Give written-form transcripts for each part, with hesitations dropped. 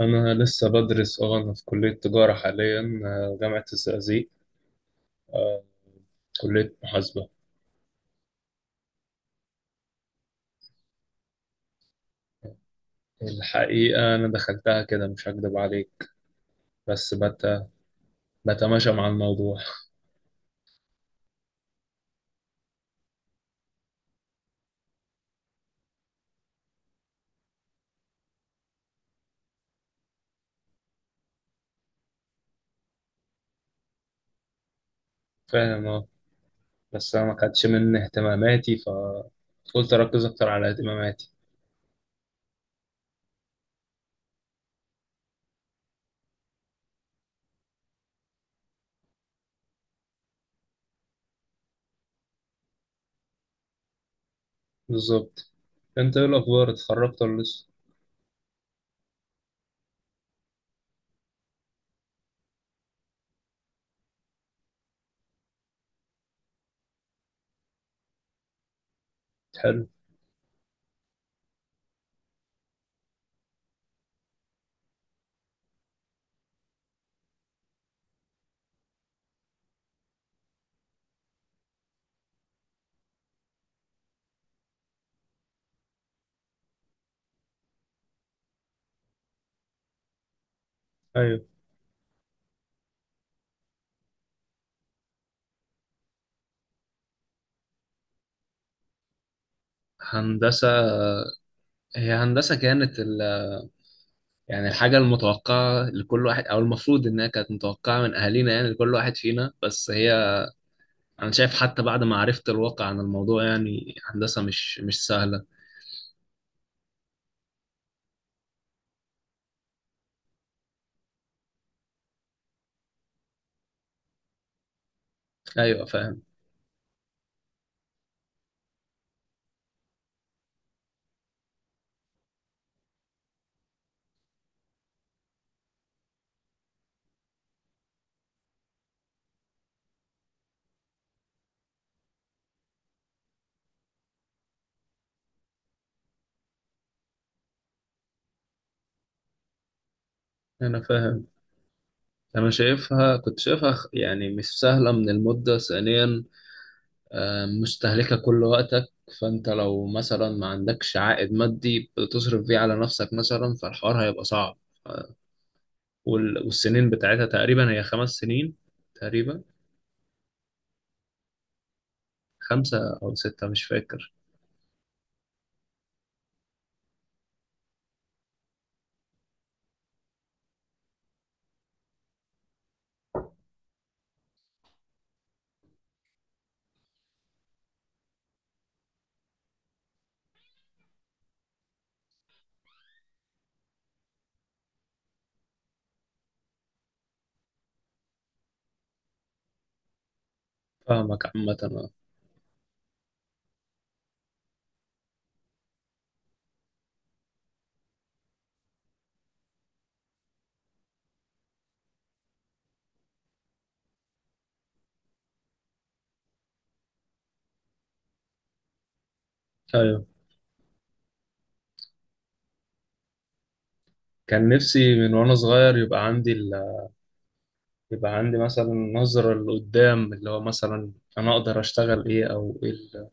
أنا لسه بدرس أنا في كلية تجارة حاليا، جامعة الزقازيق، آه، كلية محاسبة. الحقيقة أنا دخلتها كده، مش هكدب عليك، بس بتماشى مع الموضوع. فاهم أه. بس أنا ما كانتش من اهتماماتي، فقلت أركز أكتر على اهتماماتي. بالظبط. أنت إيه الأخبار، اتخرجت ولا لسه؟ حلو. أيوه. هندسة. هي هندسة كانت يعني الحاجة المتوقعة لكل واحد، أو المفروض إنها كانت متوقعة من أهالينا، يعني لكل واحد فينا. بس هي انا شايف حتى بعد ما عرفت الواقع عن الموضوع، يعني هندسة مش سهلة. ايوه فاهم. انا فاهم. انا شايفها، كنت شايفها يعني مش سهلة من المدة ثانيا، مستهلكة كل وقتك. فانت لو مثلا ما عندكش عائد مادي بتصرف بيه على نفسك مثلا، فالحوار هيبقى صعب. والسنين بتاعتها تقريبا هي خمس سنين، تقريبا خمسة او ستة، مش فاكر. فاهمك عامة. ايوه. كان نفسي من وانا صغير يبقى عندي مثلا نظرة لقدام، اللي هو مثلا أنا أقدر أشتغل إيه، أو إيه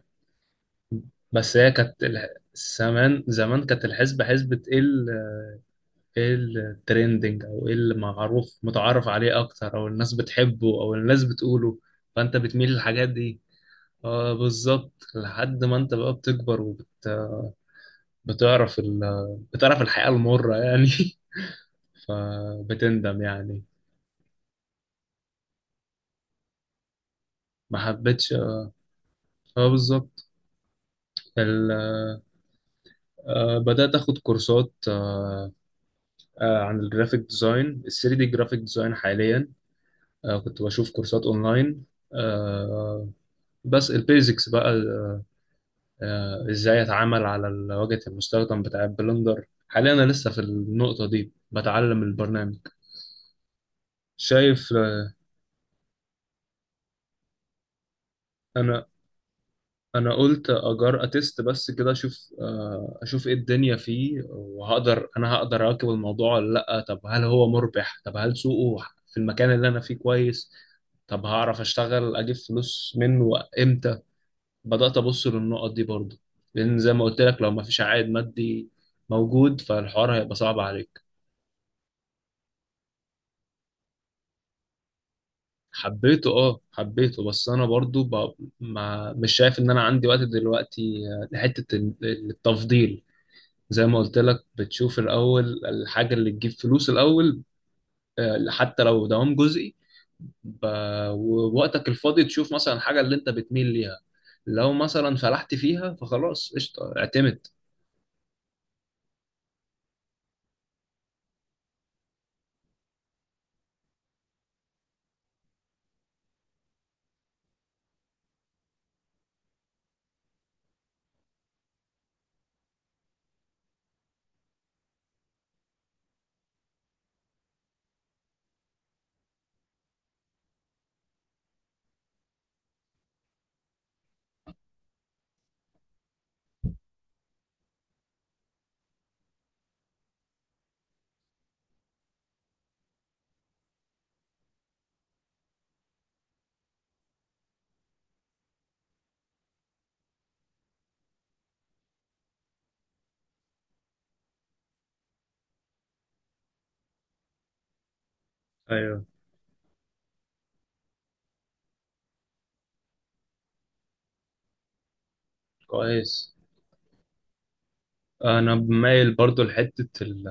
بس هي كانت زمان زمان كانت الحسبة حسبة إيه إيه الترندنج، أو إيه المعروف متعارف عليه أكتر، أو الناس بتحبه أو الناس بتقوله. فأنت بتميل للحاجات دي. آه بالظبط. لحد ما أنت بقى بتكبر بتعرف ال... بتعرف الحقيقة المرة يعني. فبتندم يعني. ما حبيتش. اه بالظبط. بدأت أخد كورسات، عن الجرافيك ديزاين، ال 3D جرافيك ديزاين حاليا. كنت بشوف كورسات أونلاين. آه، بس البيزكس بقى، إزاي أتعامل على واجهة المستخدم بتاع البلندر. حاليا أنا لسه في النقطة دي، بتعلم البرنامج. شايف. أنا قلت اجار اتست بس كده اشوف، ايه الدنيا فيه، وهقدر هقدر اواكب الموضوع ولا لا، طب هل هو مربح، طب هل سوقه في المكان اللي انا فيه كويس، طب هعرف اشتغل اجيب فلوس منه امتى. بدأت ابص للنقط دي برضه، لان زي ما قلت لك لو ما فيش عائد مادي موجود، فالحوار هيبقى صعب عليك. حبيته، اه، حبيته، بس انا برضه ما مش شايف ان انا عندي وقت دلوقتي، لحتة التفضيل. زي ما قلت لك، بتشوف الأول الحاجة اللي تجيب فلوس الأول. حتى لو دوام جزئي، ب... ووقتك الفاضي تشوف مثلا الحاجة اللي أنت بتميل ليها. لو مثلا فلحت فيها فخلاص، قشطة، اعتمد. ايوه كويس. أنا مايل برضو لحتة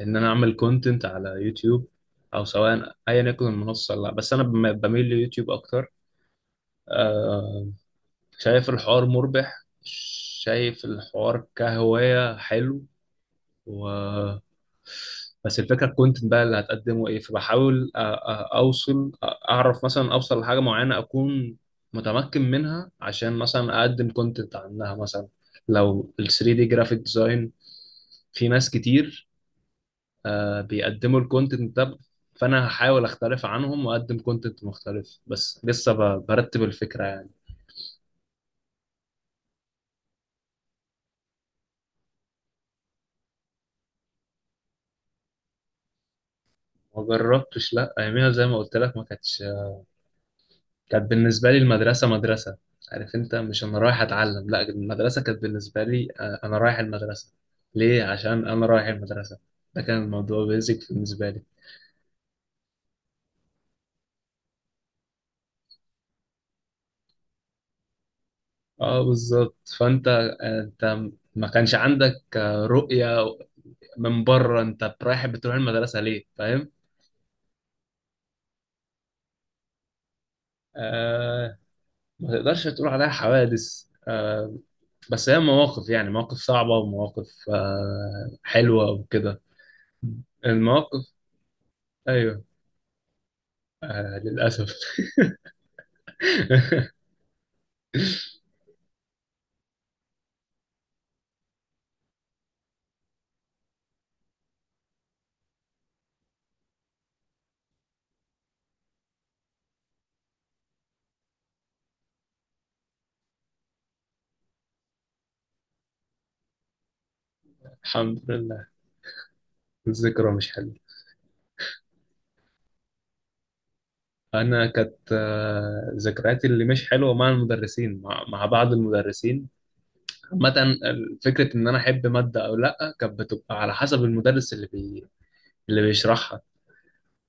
إن أنا أعمل كونتنت على يوتيوب، أو سواء أيا يكن المنصة، لا بس أنا بميل ليوتيوب أكتر. آه، شايف الحوار مربح، شايف الحوار كهواية حلو. و بس الفكره، الكونتنت بقى اللي هتقدمه ايه، فبحاول اوصل، اعرف مثلا، اوصل لحاجه معينه، اكون متمكن منها، عشان مثلا اقدم كونتنت عنها مثلا. لو ال 3 دي جرافيك ديزاين، في ناس كتير بيقدموا الكونتنت ده، فانا هحاول اختلف عنهم واقدم كونتنت مختلف، بس لسه برتب الفكره يعني. ما جربتش لا اياميها. زي ما قلت لك، ما كانتش، كانت بالنسبة لي المدرسة مدرسة، عارف، انت مش انا رايح اتعلم، لا المدرسة كانت بالنسبة لي، انا رايح المدرسة ليه، عشان انا رايح المدرسة. ده كان الموضوع بيزك بالنسبة لي. اه بالظبط. فانت، انت ما كانش عندك، رؤية من بره، انت رايح بتروح المدرسة ليه، فاهم. آه. ما تقدرش تقول عليها حوادث، آه. بس هي مواقف، يعني مواقف صعبة، ومواقف حلوة وكده. المواقف. ايوه. آه، للأسف. الحمد لله. الذكرى مش حلوة. أنا كانت ذكرياتي اللي مش حلوة مع المدرسين، مع بعض المدرسين. عامة فكرة إن أنا أحب مادة أو لأ كانت بتبقى على حسب المدرس اللي اللي بيشرحها.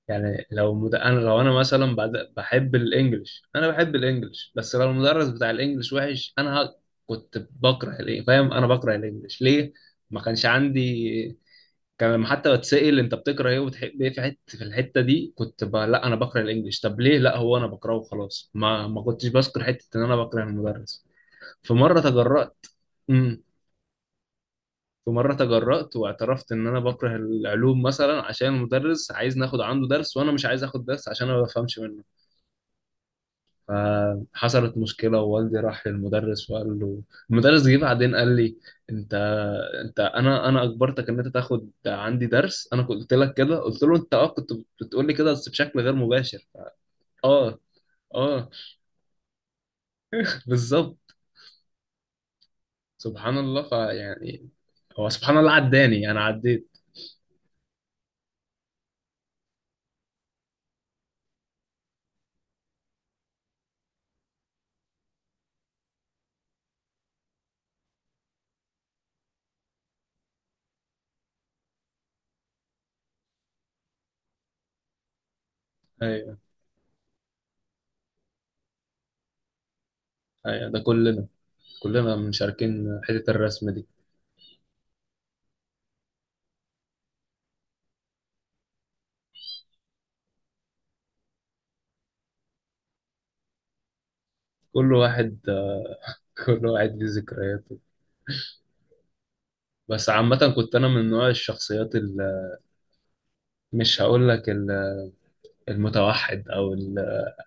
يعني أنا لو أنا مثلا بحب الإنجليش، أنا بحب الإنجليش، بس لو المدرس بتاع الإنجليش وحش، أنا كنت بكره الإنجليش، فاهم. أنا بكره الإنجليش ليه؟ ما كانش عندي. كان لما حتى بتسأل انت بتكره ايه وبتحب ايه في حته في الحته دي، كنت لا انا بكره الانجليش، طب ليه، لا هو انا بكرهه وخلاص، ما كنتش بذكر حته ان انا بكره المدرس. في مره تجرأت. امم. في مره تجرأت، واعترفت ان انا بكره العلوم مثلا، عشان المدرس عايز ناخد عنده درس، وانا مش عايز اخد درس عشان انا ما بفهمش منه. فحصلت مشكلة، ووالدي راح للمدرس وقال له. المدرس جه بعدين قال لي: انت، اجبرتك ان انت تاخد عندي درس، انا كنت قلت لك كده. قلت له: انت، اه، كنت بتقول لي كده بس بشكل غير مباشر. اه اه بالظبط. سبحان الله. فيعني هو سبحان الله، عداني، انا عديت. ايوه. ايوه ده كلنا، كلنا مشاركين حتة الرسم دي. كل واحد، كل واحد ليه ذكرياته. بس عامة، كنت انا من نوع الشخصيات اللي مش هقول لك المتوحد، او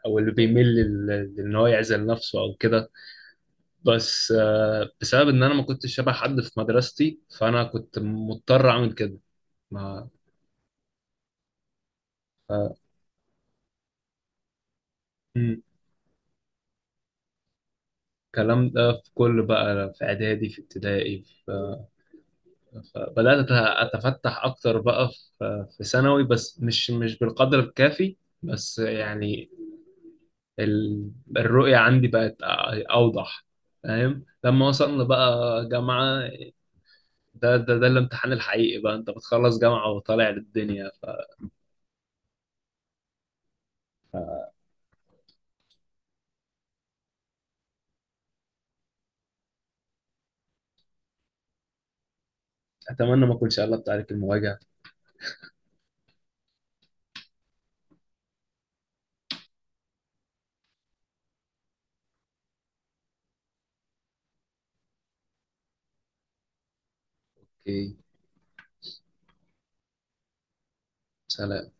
او اللي بيميل لان هو يعزل نفسه او كده، بس بسبب ان انا ما كنتش شبه حد في مدرستي، فانا كنت مضطر اعمل كده. ما مم. الكلام ده في كل بقى، في اعدادي، في ابتدائي، اتفتح اكتر بقى في ثانوي، بس مش بالقدر الكافي. بس يعني ال- الرؤية عندي بقت أوضح. فاهم. لما وصلنا بقى جامعة، ده الامتحان الحقيقي بقى، انت بتخلص جامعة وطالع للدنيا. اتمنى ما اكونش قلبت عليك المواجهة. اوكي. سلام.